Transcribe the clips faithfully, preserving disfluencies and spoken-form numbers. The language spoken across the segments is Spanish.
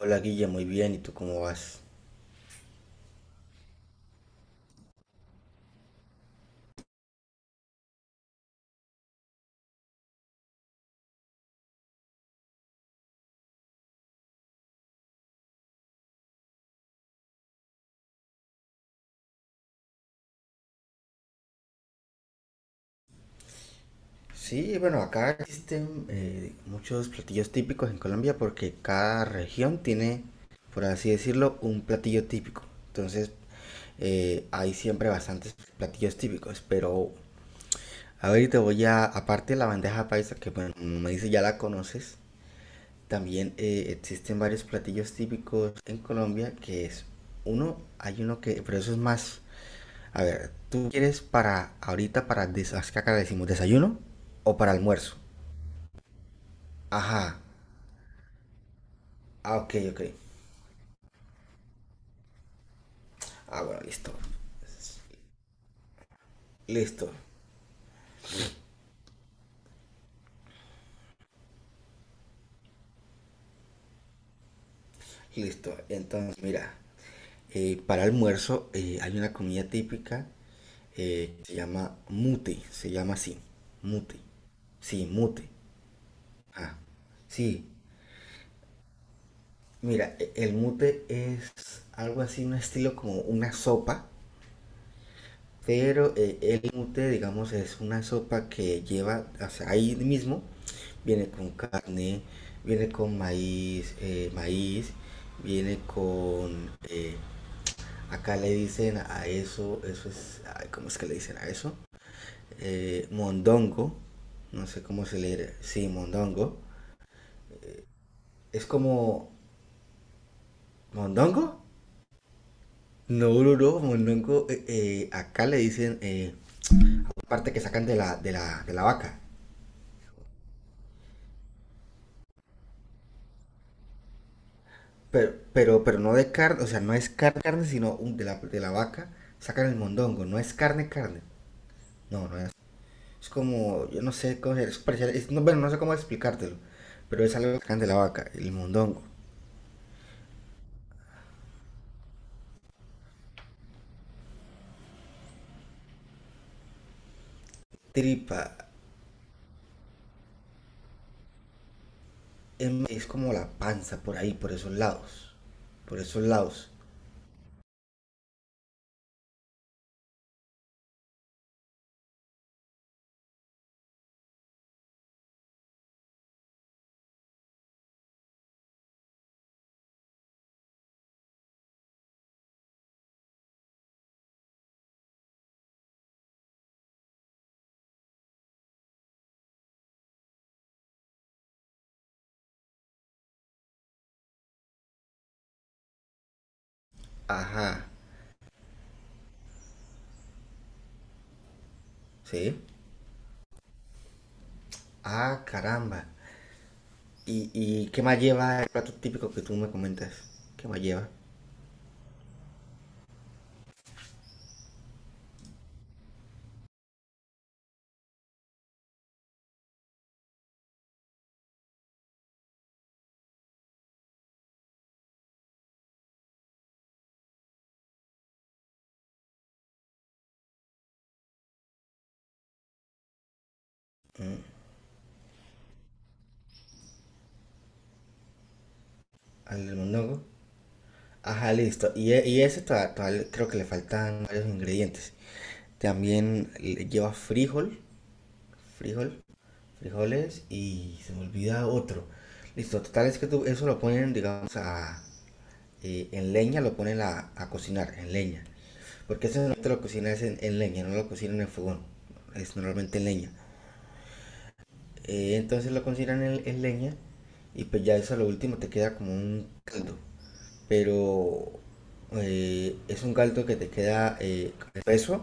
Hola Guille, muy bien, ¿y tú cómo vas? Sí, bueno, acá existen eh, muchos platillos típicos en Colombia porque cada región tiene, por así decirlo, un platillo típico. Entonces, eh, hay siempre bastantes platillos típicos, pero a ver, te voy a, aparte de la bandeja paisa, que bueno, como me dice ya la conoces, también eh, existen varios platillos típicos en Colombia, que es uno, hay uno que, pero eso es más. A ver, ¿tú quieres para ahorita para des- acá acá le decimos desayuno o para almuerzo? Ajá. Ah, ok, ok. Ah, bueno, listo. Listo, listo. Entonces, mira, eh, para almuerzo eh, hay una comida típica eh, que se llama mute, se llama así, mute. Sí, mute. Ah, sí. Mira, e- el mute es algo así, un estilo como una sopa. Pero eh, el mute, digamos, es una sopa que lleva, o sea, ahí mismo, viene con carne, viene con maíz, eh, maíz, viene con, eh, acá le dicen a eso, eso es, ay, ¿cómo es que le dicen a eso? Eh, mondongo, no sé cómo se le dirá, sí, mondongo. Es como, ¿mondongo? No, no, no, mondongo, eh, eh, acá le dicen eh, parte que sacan de la, de la, de la vaca. Pero, pero, pero no de carne, o sea, no es carne, carne, sino un- de, la, de la vaca sacan el mondongo, no es carne, carne. No, no es. Es como, yo no sé cómo es, parecer- es- no, bueno, no sé cómo explicártelo, pero es algo que sacan de la vaca, el mondongo. Tripa, em, es como la panza por ahí, por esos lados. Por esos lados. Ajá, ¿sí? Ah, caramba. ¿Y, y qué más lleva el plato típico que tú me comentas? ¿Qué más lleva? ¿Al del mondongo? Ajá, listo. Y, e- y ese todavía, todavía creo que le faltan varios ingredientes. También le- lleva frijol, frijol, frijoles y se me olvida otro. Listo, total es que tú, eso lo ponen, digamos, a, eh, en leña, lo ponen a, a cocinar, en leña. Porque eso normalmente lo cocinas en, en leña, no lo cocinan en fogón. Es normalmente en leña. Eh, entonces lo consideran en, en leña y pues ya eso a lo último te queda como un caldo. Pero eh, es un caldo que te queda eh, espeso,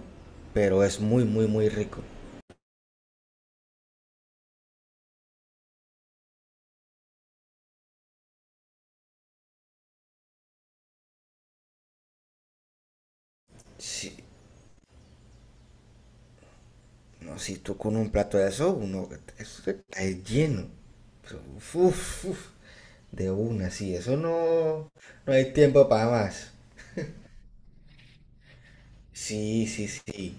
pero es muy, muy, muy rico. Si, no, si tú con un plato de eso, uno eso está lleno. Pero, uf, uf, de una, sí, eso no, no hay tiempo para más. Sí, sí, sí.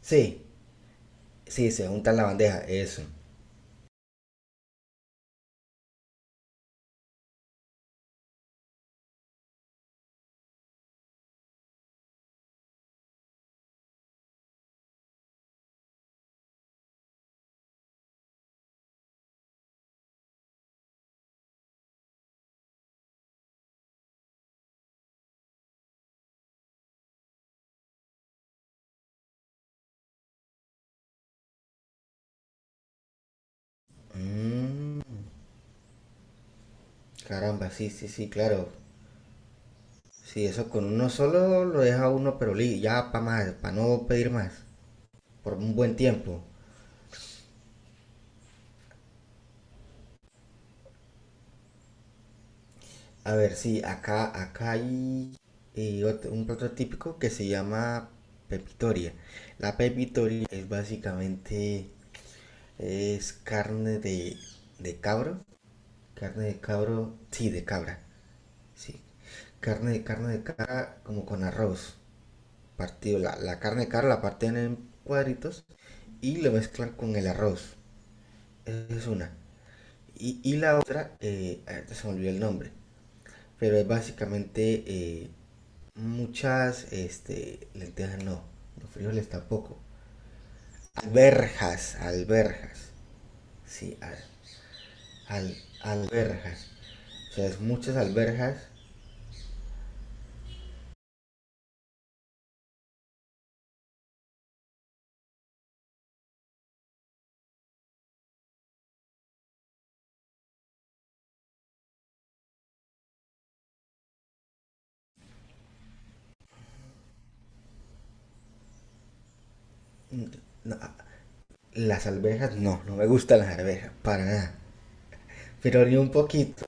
Sí, sí, se junta en la bandeja, eso. Mm, caramba, sí, sí, sí, claro. Sí, eso con uno solo lo deja uno, pero li- ya para más, para no pedir más, por un buen tiempo. A ver, sí, acá, acá hay y otro- un plato típico que se llama pepitoria. La pepitoria es básicamente, es carne de, de cabro, carne de cabro, sí, de cabra, sí. Carne de carne de cabra como con arroz, partido, la, la carne de cabra la parten en cuadritos y lo mezclan con el arroz. Esa es una. Y, y la otra, eh, ahorita se me olvidó el nombre, pero es básicamente eh, muchas este, lentejas, no, los frijoles tampoco. Alberjas, alberjas, sí, al, al- alberjas. O sea, es muchas alberjas. Las alberjas no, no me gustan las alberjas, para nada. Pero ni un poquito.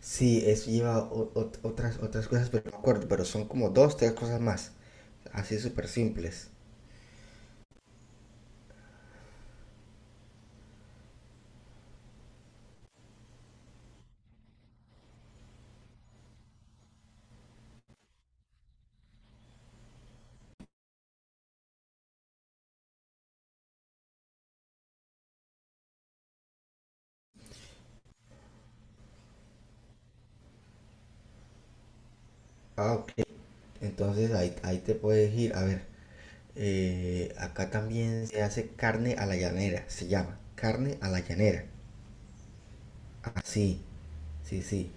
Sí, eso lleva o- o- otras, otras cosas, pero no me acuerdo, pero son como dos, tres cosas más. Así súper simples. Ah, ok. Entonces ahí, ahí te puedes ir. A ver, eh, acá también se hace carne a la llanera, se llama carne a la llanera. Así, sí, sí, sí.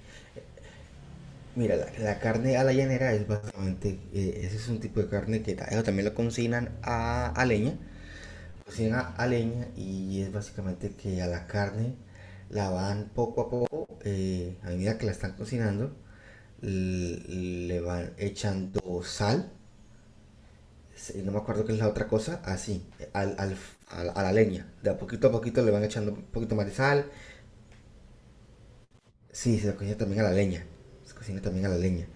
Mira, la, la carne a la llanera es básicamente, eh, ese es un tipo de carne que ta- eso también lo cocinan a, a leña, cocinan a, a leña y es básicamente que a la carne la van poco a poco, eh, a medida que la están cocinando, l- le van echando sal. Sí, no me acuerdo qué es la otra cosa, así, al, al, a, la- a la leña. De a poquito a poquito le van echando un poquito más de sal. Sí, se cocina también a la leña. Se cocina también a la leña.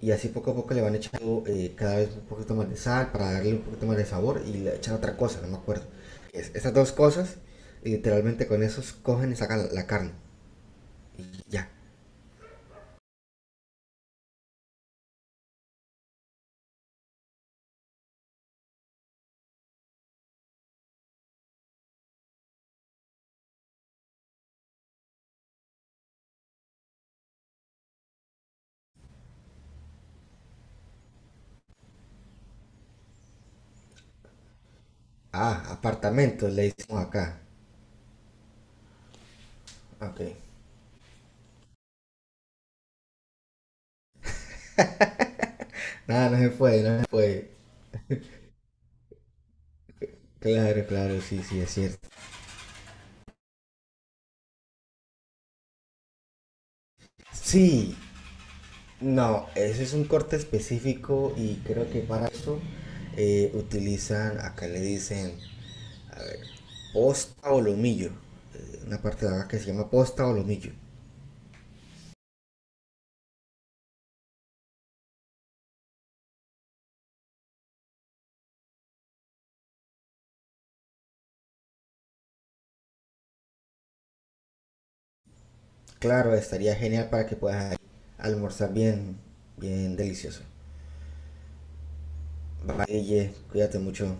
Y así poco a poco le van echando eh, cada vez un poquito más de sal para darle un poquito más de sabor y le echan otra cosa, no me acuerdo. Es- estas dos cosas, y literalmente con esos cogen y sacan la, la carne. Y ya. Ah, apartamentos le hicimos acá. Ok. Nada, no se puede, no se puede. Claro, claro, sí, sí, es cierto. Sí, no, ese es un corte específico y creo que para eso eh, utilizan, acá le dicen posta o lomillo, eh, una parte de la vaca que se llama posta o lomillo. Claro, estaría genial para que puedas almorzar bien, bien delicioso. Bye, cuídate mucho.